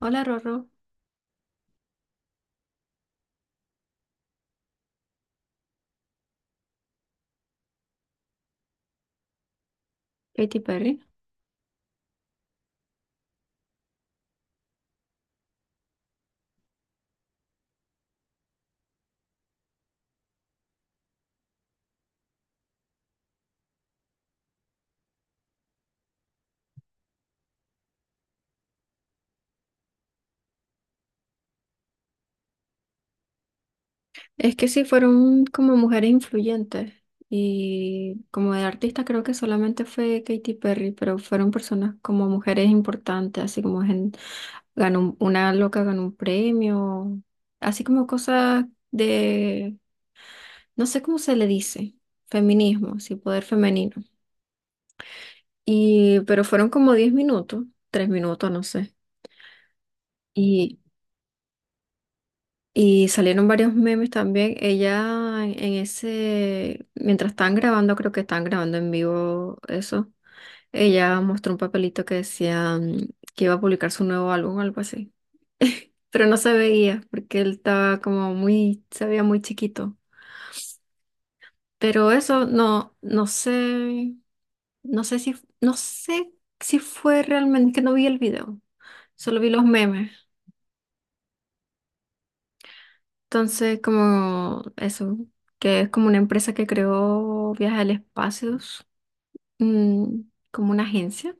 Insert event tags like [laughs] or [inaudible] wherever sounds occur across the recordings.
Hola Rorro, Katy Perry. Es que sí, fueron como mujeres influyentes y como de artista creo que solamente fue Katy Perry, pero fueron personas como mujeres importantes, así como ganó una loca ganó un premio, así como cosas de, no sé cómo se le dice, feminismo, sí, poder femenino. Y, pero fueron como 10 minutos, 3 minutos, no sé. Y salieron varios memes también. Ella en ese, mientras estaban grabando, creo que estaban grabando en vivo eso. Ella mostró un papelito que decía que iba a publicar su nuevo álbum o algo así. Pero no se veía porque él estaba como muy, se veía muy chiquito. Pero eso no, no sé si, no sé si fue realmente, es que no vi el video, solo vi los memes. Entonces, como eso, que es como una empresa que creó Viajes al Espacio, mm, como una agencia.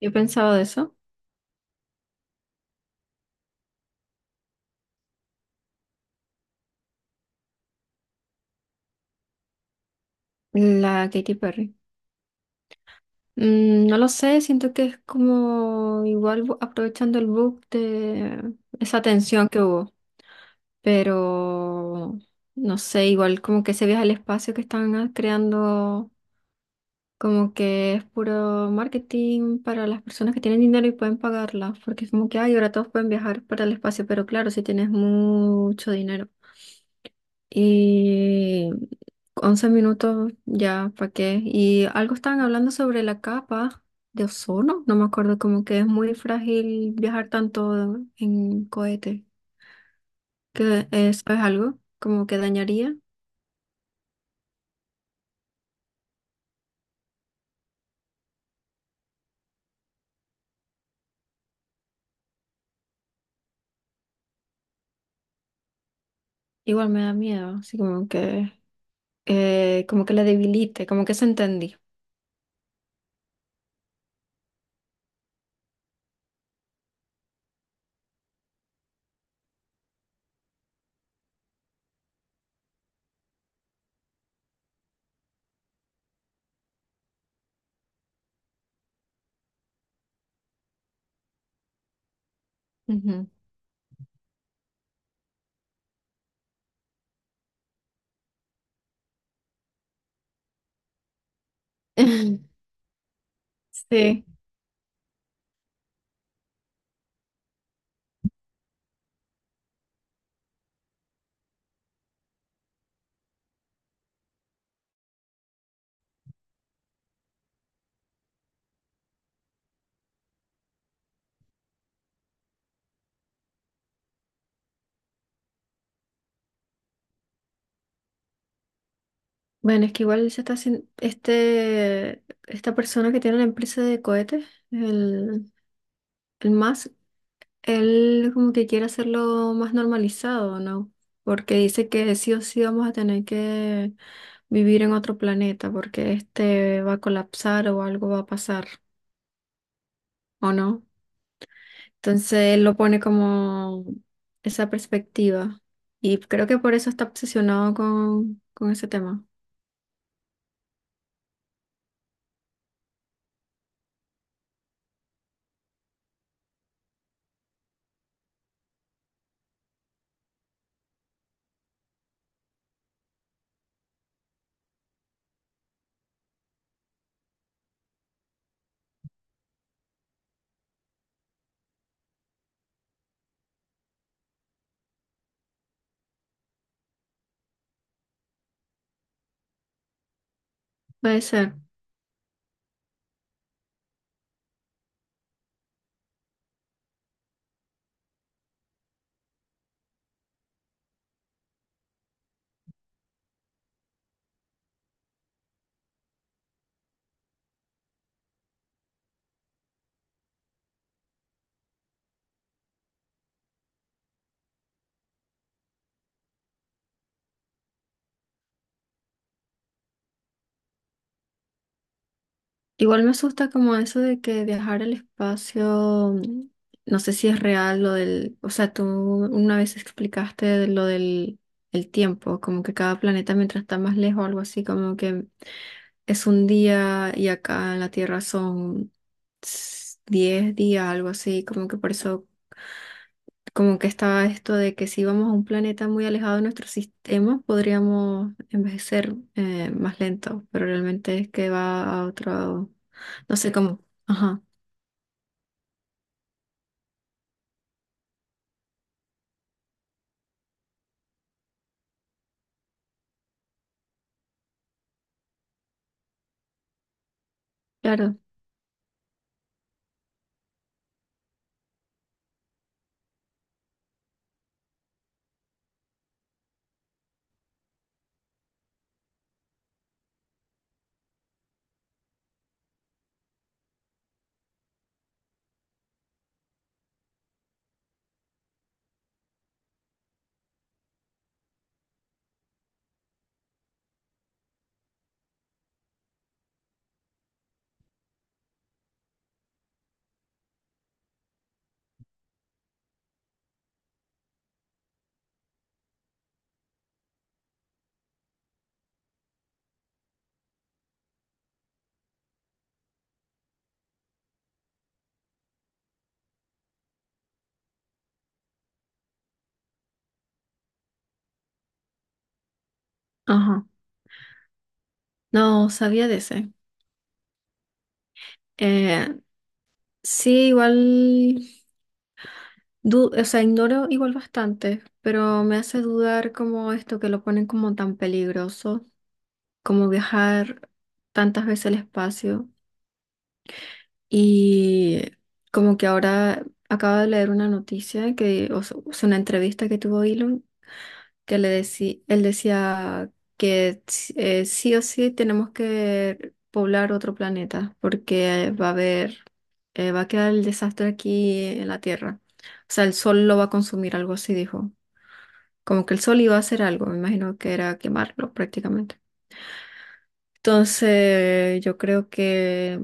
Yo he pensado de eso, la Katy Perry. Mm, no lo sé, siento que es como igual aprovechando el book de esa tensión que hubo, pero no sé, igual como que ese viaje al espacio que están creando. Como que es puro marketing para las personas que tienen dinero y pueden pagarla, porque es como que, ay, ahora todos pueden viajar para el espacio, pero claro, si tienes mucho dinero. Y 11 minutos ya, ¿para qué? Y algo estaban hablando sobre la capa de ozono, no me acuerdo, como que es muy frágil viajar tanto en cohete, que eso es algo como que dañaría. Igual me da miedo, así como que la debilite, como que se entendí. [laughs] Sí. Bueno, es que igual se está haciendo este, esta persona que tiene la empresa de cohetes, el, el más, él como que quiere hacerlo más normalizado, ¿no? Porque dice que sí o sí vamos a tener que vivir en otro planeta, porque este va a colapsar o algo va a pasar, ¿o no? Entonces él lo pone como esa perspectiva. Y creo que por eso está obsesionado con ese tema. Puede ser. Igual me asusta como eso de que viajar al espacio, no sé si es real lo del, o sea, tú una vez explicaste de lo del el tiempo, como que cada planeta mientras está más lejos, algo así, como que es un día y acá en la Tierra son 10 días, algo así, como que por eso como que estaba esto de que si íbamos a un planeta muy alejado de nuestro sistema, podríamos envejecer más lento, pero realmente es que va a otro, no sé cómo. Ajá, claro, ajá. No sabía de ese. Eh, sí, igual, o sea, ignoro igual bastante, pero me hace dudar como esto que lo ponen como tan peligroso, como viajar tantas veces al espacio. Y como que ahora acabo de leer una noticia que, o sea, o una entrevista que tuvo Elon, que le decía, él decía que sí o sí tenemos que poblar otro planeta porque va a haber, va a quedar el desastre aquí en la Tierra. O sea, el sol lo va a consumir, algo así dijo. Como que el sol iba a hacer algo, me imagino que era quemarlo prácticamente. Entonces, yo creo que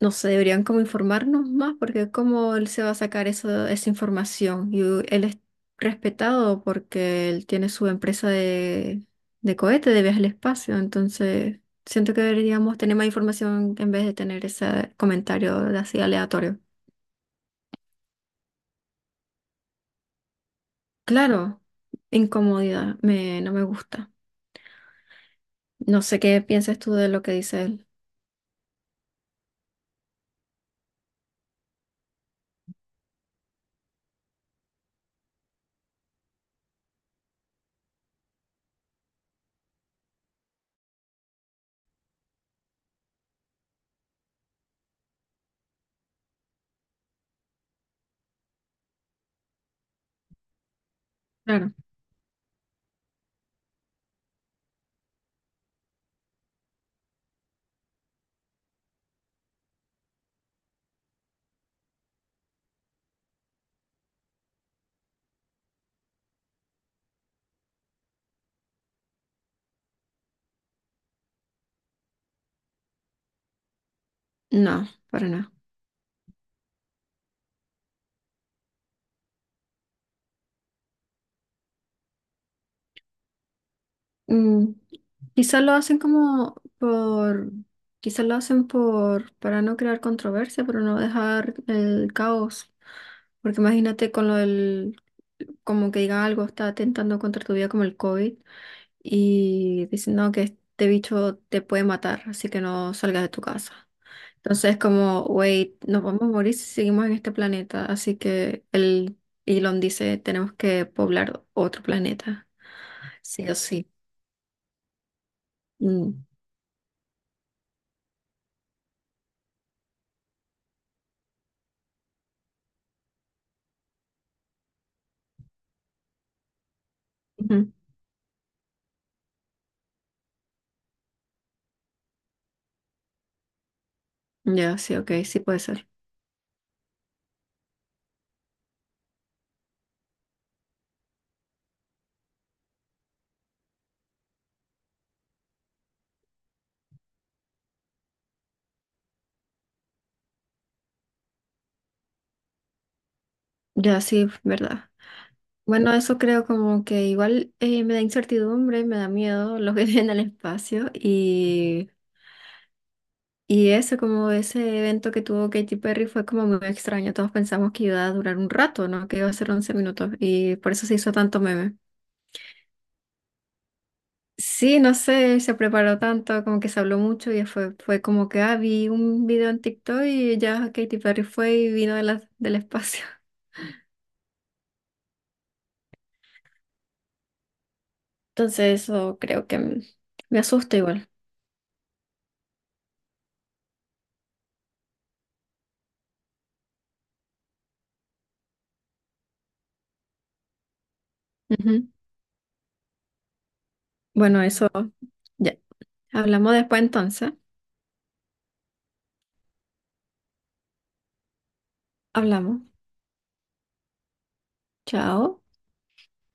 no sé, deberían como informarnos más, porque cómo él se va a sacar eso, esa información. Y él es respetado porque él tiene su empresa de cohete, de viaje al espacio. Entonces, siento que deberíamos tener más información en vez de tener ese comentario así aleatorio. Claro, incomodidad, me, no me gusta. No sé qué piensas tú de lo que dice él. Claro. No, para nada. Mm, quizás lo hacen como por, quizás lo hacen por, para no crear controversia, pero no dejar el caos. Porque imagínate con lo del, como que diga algo, está atentando contra tu vida como el COVID y dicen, no, que este bicho te puede matar, así que no salgas de tu casa. Entonces como, wait, nos vamos a morir si seguimos en este planeta. Así que el Elon dice, tenemos que poblar otro planeta, sí o sí. Mm. Ya, sí, ok, sí puede ser. Ya, sí, verdad. Bueno, eso creo como que igual me da incertidumbre, me da miedo lo que [laughs] viene al espacio y eso, como ese evento que tuvo Katy Perry fue como muy extraño. Todos pensamos que iba a durar un rato, ¿no? Que iba a ser 11 minutos y por eso se hizo tanto meme. Sí, no sé, se preparó tanto, como que se habló mucho y fue, fue como que, ah, vi un video en TikTok y ya Katy Perry fue y vino de del espacio. [laughs] Entonces eso creo que me asusta igual. Ujú. Bueno, eso ya. Hablamos después entonces. Hablamos. Chao.